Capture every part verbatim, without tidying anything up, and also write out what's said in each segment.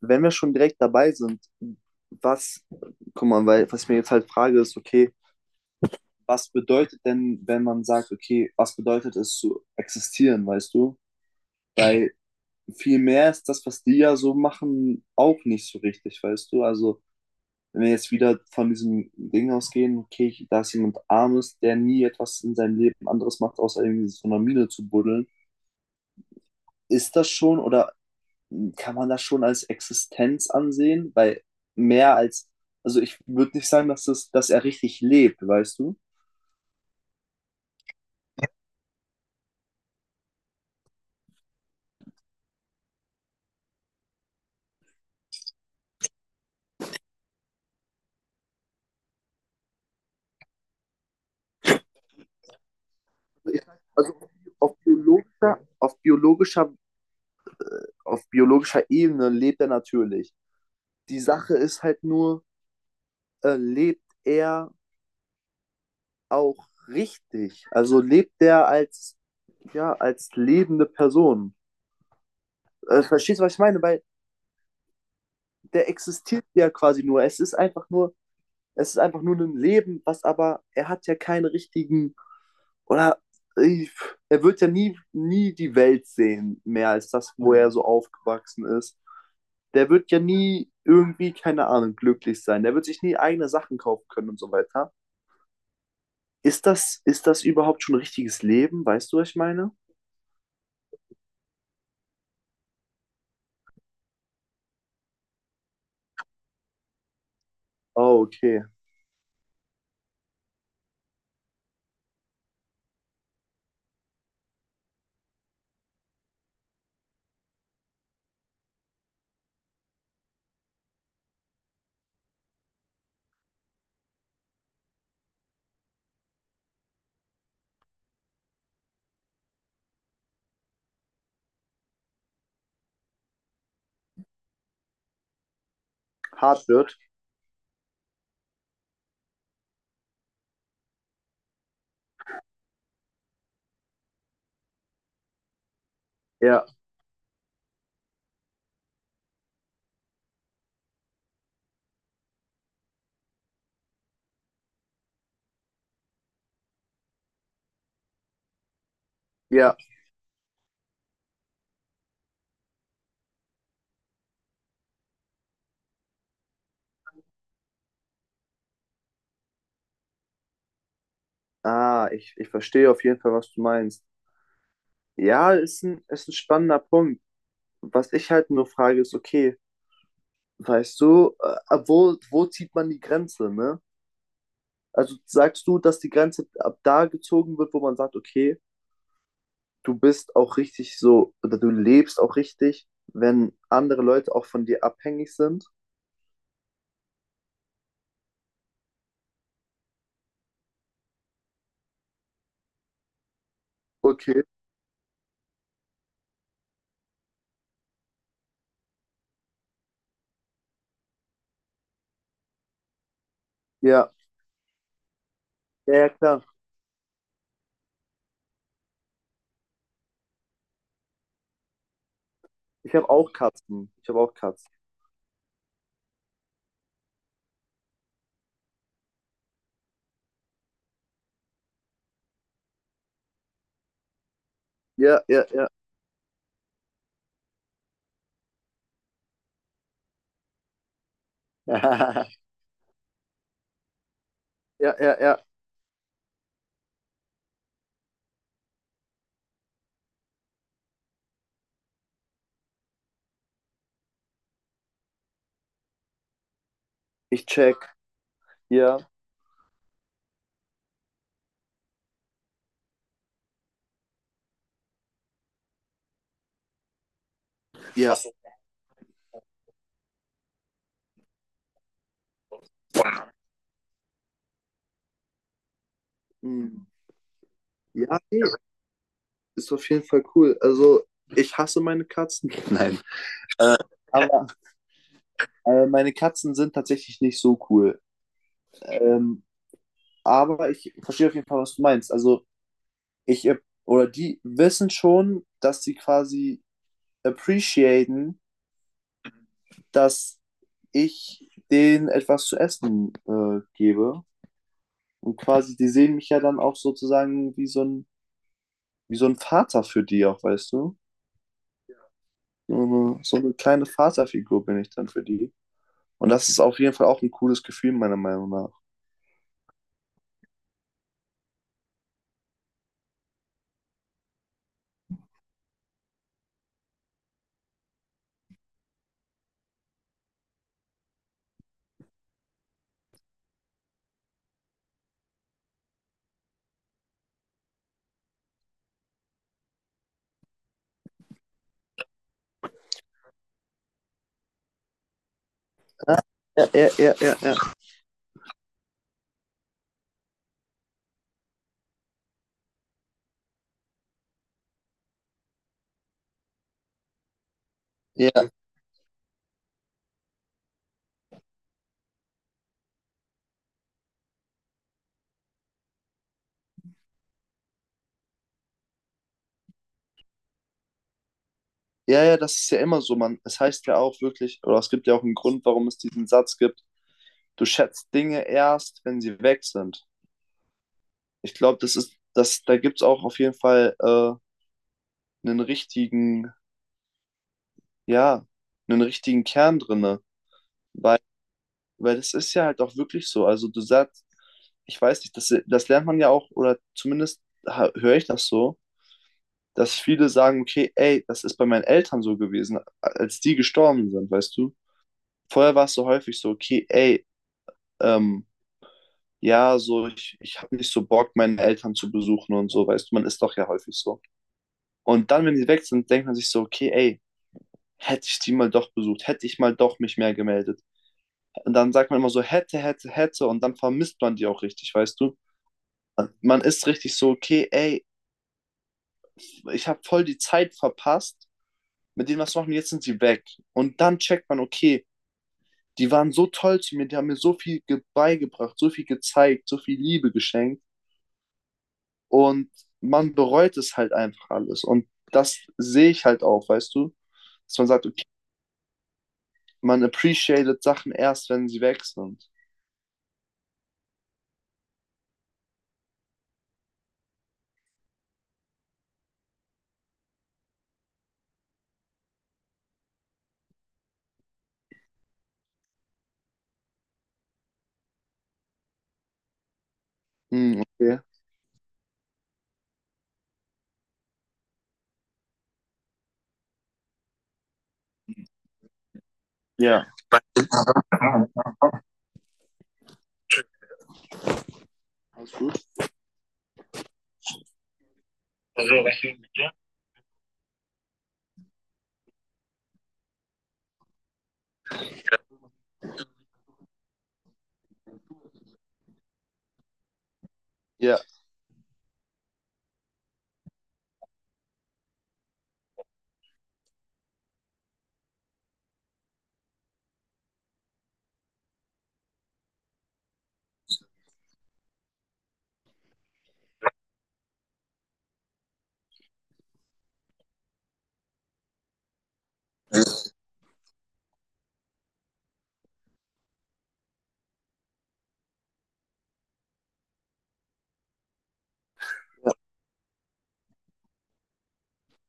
Wenn wir schon direkt dabei sind, was, guck mal, weil was ich mir jetzt halt frage, ist, okay, was bedeutet denn, wenn man sagt, okay, was bedeutet es zu existieren, weißt du? Weil viel mehr ist das, was die ja so machen, auch nicht so richtig, weißt du? Also, wenn wir jetzt wieder von diesem Ding ausgehen, okay, ich- da ist jemand Armes, der nie etwas in seinem Leben anderes macht, außer irgendwie in so einer Mine zu buddeln, ist das schon oder kann man das schon als Existenz ansehen? Weil mehr als, also ich würde nicht sagen, dass, das, dass er richtig lebt, weißt du? Also auf biologischer, auf biologischer, auf biologischer Ebene lebt er natürlich. Die Sache ist halt nur, äh, lebt er auch richtig? Also lebt er als, ja, als lebende Person? Äh, verstehst du, was ich meine? Weil der existiert ja quasi nur. Es ist einfach nur Es ist einfach nur ein Leben, was aber, er hat ja keinen richtigen, oder äh, er wird ja nie, nie die Welt sehen, mehr als das, wo er so aufgewachsen ist. Der wird ja nie irgendwie, keine Ahnung, glücklich sein. Der wird sich nie eigene Sachen kaufen können und so weiter. Ist das, ist das überhaupt schon richtiges Leben? Weißt du, was ich meine? Oh, okay. Hart wird. Ja, ja. Ah, ich, ich verstehe auf jeden Fall, was du meinst. Ja, ist ein, ist ein spannender Punkt. Was ich halt nur frage, ist, okay, weißt du, äh, ab wo, wo zieht man die Grenze, ne? Also sagst du, dass die Grenze ab da gezogen wird, wo man sagt, okay, du bist auch richtig so, oder du lebst auch richtig, wenn andere Leute auch von dir abhängig sind? Okay, ja, ja, ja, klar. Ich habe auch Katzen. Ich habe auch Katzen. Ja, ja, ja. Ja, ja, ja. Ich check. Ja, ja. Hm. Ja, nee, ist auf jeden Fall cool. Also, ich hasse meine Katzen. Nein. Äh, aber Äh, meine Katzen sind tatsächlich nicht so cool. Ähm, aber ich verstehe auf jeden Fall, was du meinst. Also ich äh, oder die wissen schon, dass sie quasi appreciaten, dass ich denen etwas zu essen äh, gebe. Und quasi, die sehen mich ja dann auch sozusagen wie so ein, wie so ein Vater für die auch, weißt du? So eine, so eine kleine Vaterfigur bin ich dann für die. Und das ist auf jeden Fall auch ein cooles Gefühl, meiner Meinung nach. Ja, ja, ja, ja, ja. Ja, ja, ja, das ist ja immer so, man. Es heißt ja auch wirklich, oder es gibt ja auch einen Grund, warum es diesen Satz gibt, du schätzt Dinge erst, wenn sie weg sind. Ich glaube, das ist, das, da gibt es auch auf jeden Fall äh, einen richtigen, ja, einen richtigen Kern drinne. Weil das ist ja halt auch wirklich so. Also du sagst, ich weiß nicht, das, das lernt man ja auch, oder zumindest höre ich das so, dass viele sagen, okay, ey, das ist bei meinen Eltern so gewesen, als die gestorben sind, weißt du? Vorher war es so häufig so, okay, ey, ähm, ja, so, ich, ich habe nicht so Bock, meine Eltern zu besuchen und so, weißt du, man ist doch ja häufig so. Und dann, wenn die weg sind, denkt man sich so, okay, ey, hätte ich die mal doch besucht, hätte ich mal doch mich mehr gemeldet. Und dann sagt man immer so, hätte, hätte, hätte, und dann vermisst man die auch richtig, weißt du? Man ist richtig so, okay, ey, ich habe voll die Zeit verpasst, mit denen was machen, jetzt sind sie weg. Und dann checkt man, okay, die waren so toll zu mir, die haben mir so viel ge- beigebracht, so viel gezeigt, so viel Liebe geschenkt. Und man bereut es halt einfach alles. Und das sehe ich halt auch, weißt du? Dass man sagt, okay, man appreciated Sachen erst, wenn sie weg sind. Hm, okay. Ja. Yeah. Alles gut? Also, was ist mit dir? Ja,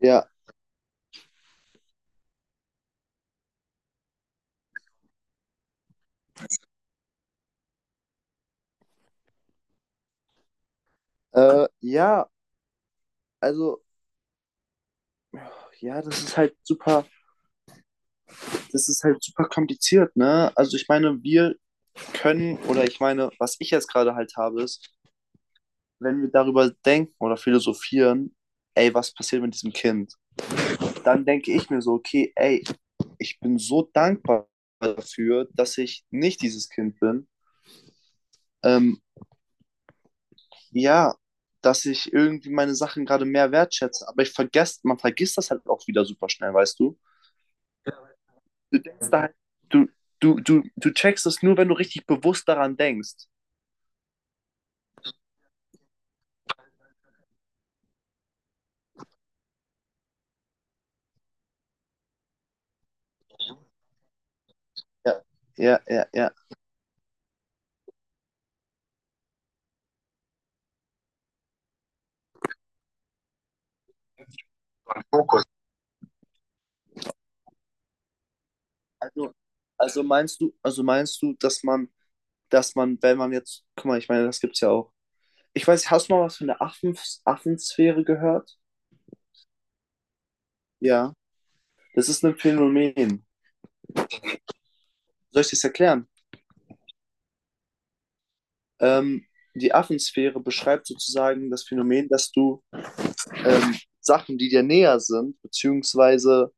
ja. Äh, ja, also, ja, das ist halt super, das ist halt super kompliziert, ne? Also ich meine, wir können, oder ich meine, was ich jetzt gerade halt habe, ist, wenn wir darüber denken oder philosophieren, ey, was passiert mit diesem Kind? Dann denke ich mir so, okay, ey, ich bin so dankbar dafür, dass ich nicht dieses Kind bin. Ähm, ja, dass ich irgendwie meine Sachen gerade mehr wertschätze. Aber ich vergesse, man vergisst das halt auch wieder super schnell, weißt du? Du denkst da halt, du, du, du, du checkst es nur, wenn du richtig bewusst daran denkst. Ja, ja, ja, ja. Also, also meinst du, also meinst du, dass man, dass man, wenn man jetzt, guck mal, ich meine, das gibt's ja auch. Ich weiß, hast du mal was von der Affen, Affensphäre gehört? Ja. Das ist ein Phänomen. Soll ich das erklären? Ähm, Die Affensphäre beschreibt sozusagen das Phänomen, dass du ähm, Sachen, die dir näher sind, beziehungsweise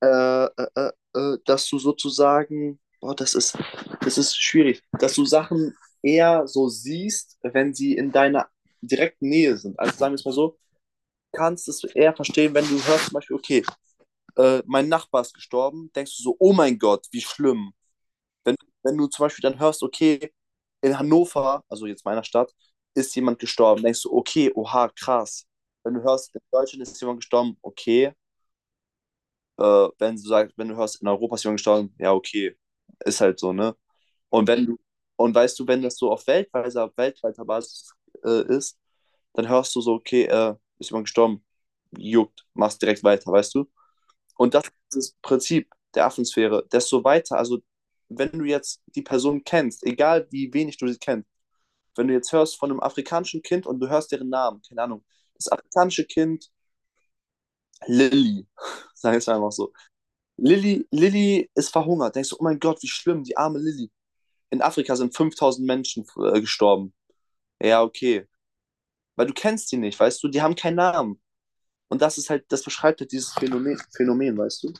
äh, äh, äh, äh, dass du sozusagen, boah, das ist, das ist schwierig, dass du Sachen eher so siehst, wenn sie in deiner direkten Nähe sind. Also sagen wir es mal so, kannst es eher verstehen, wenn du hörst zum Beispiel, okay, äh, mein Nachbar ist gestorben, denkst du so, oh mein Gott, wie schlimm. Wenn, wenn du zum Beispiel dann hörst, okay, in Hannover, also jetzt meiner Stadt, ist jemand gestorben, denkst du, okay, oha, krass. Wenn du hörst, in Deutschland ist jemand gestorben, okay. Äh, wenn du sagst, wenn du hörst, in Europa ist jemand gestorben, ja, okay. Ist halt so, ne? Und wenn du, und weißt du, wenn das so auf weltweiter, auf weltweiter Basis äh, ist, dann hörst du so, okay, äh, ist jemand gestorben, juckt, machst direkt weiter, weißt du? Und das ist das Prinzip der Affensphäre. Desto weiter, also wenn du jetzt die Person kennst, egal wie wenig du sie kennst, wenn du jetzt hörst von einem afrikanischen Kind und du hörst deren Namen, keine Ahnung, das afrikanische Kind Lilly, sag ich einfach so. Lilly, Lilly ist verhungert. Denkst du, oh mein Gott, wie schlimm, die arme Lilly. In Afrika sind fünftausend Menschen äh, gestorben. Ja, okay. Weil du kennst die nicht, weißt du, die haben keinen Namen. Und das ist halt, das beschreibt halt dieses Phänomen, Phänomen, weißt du?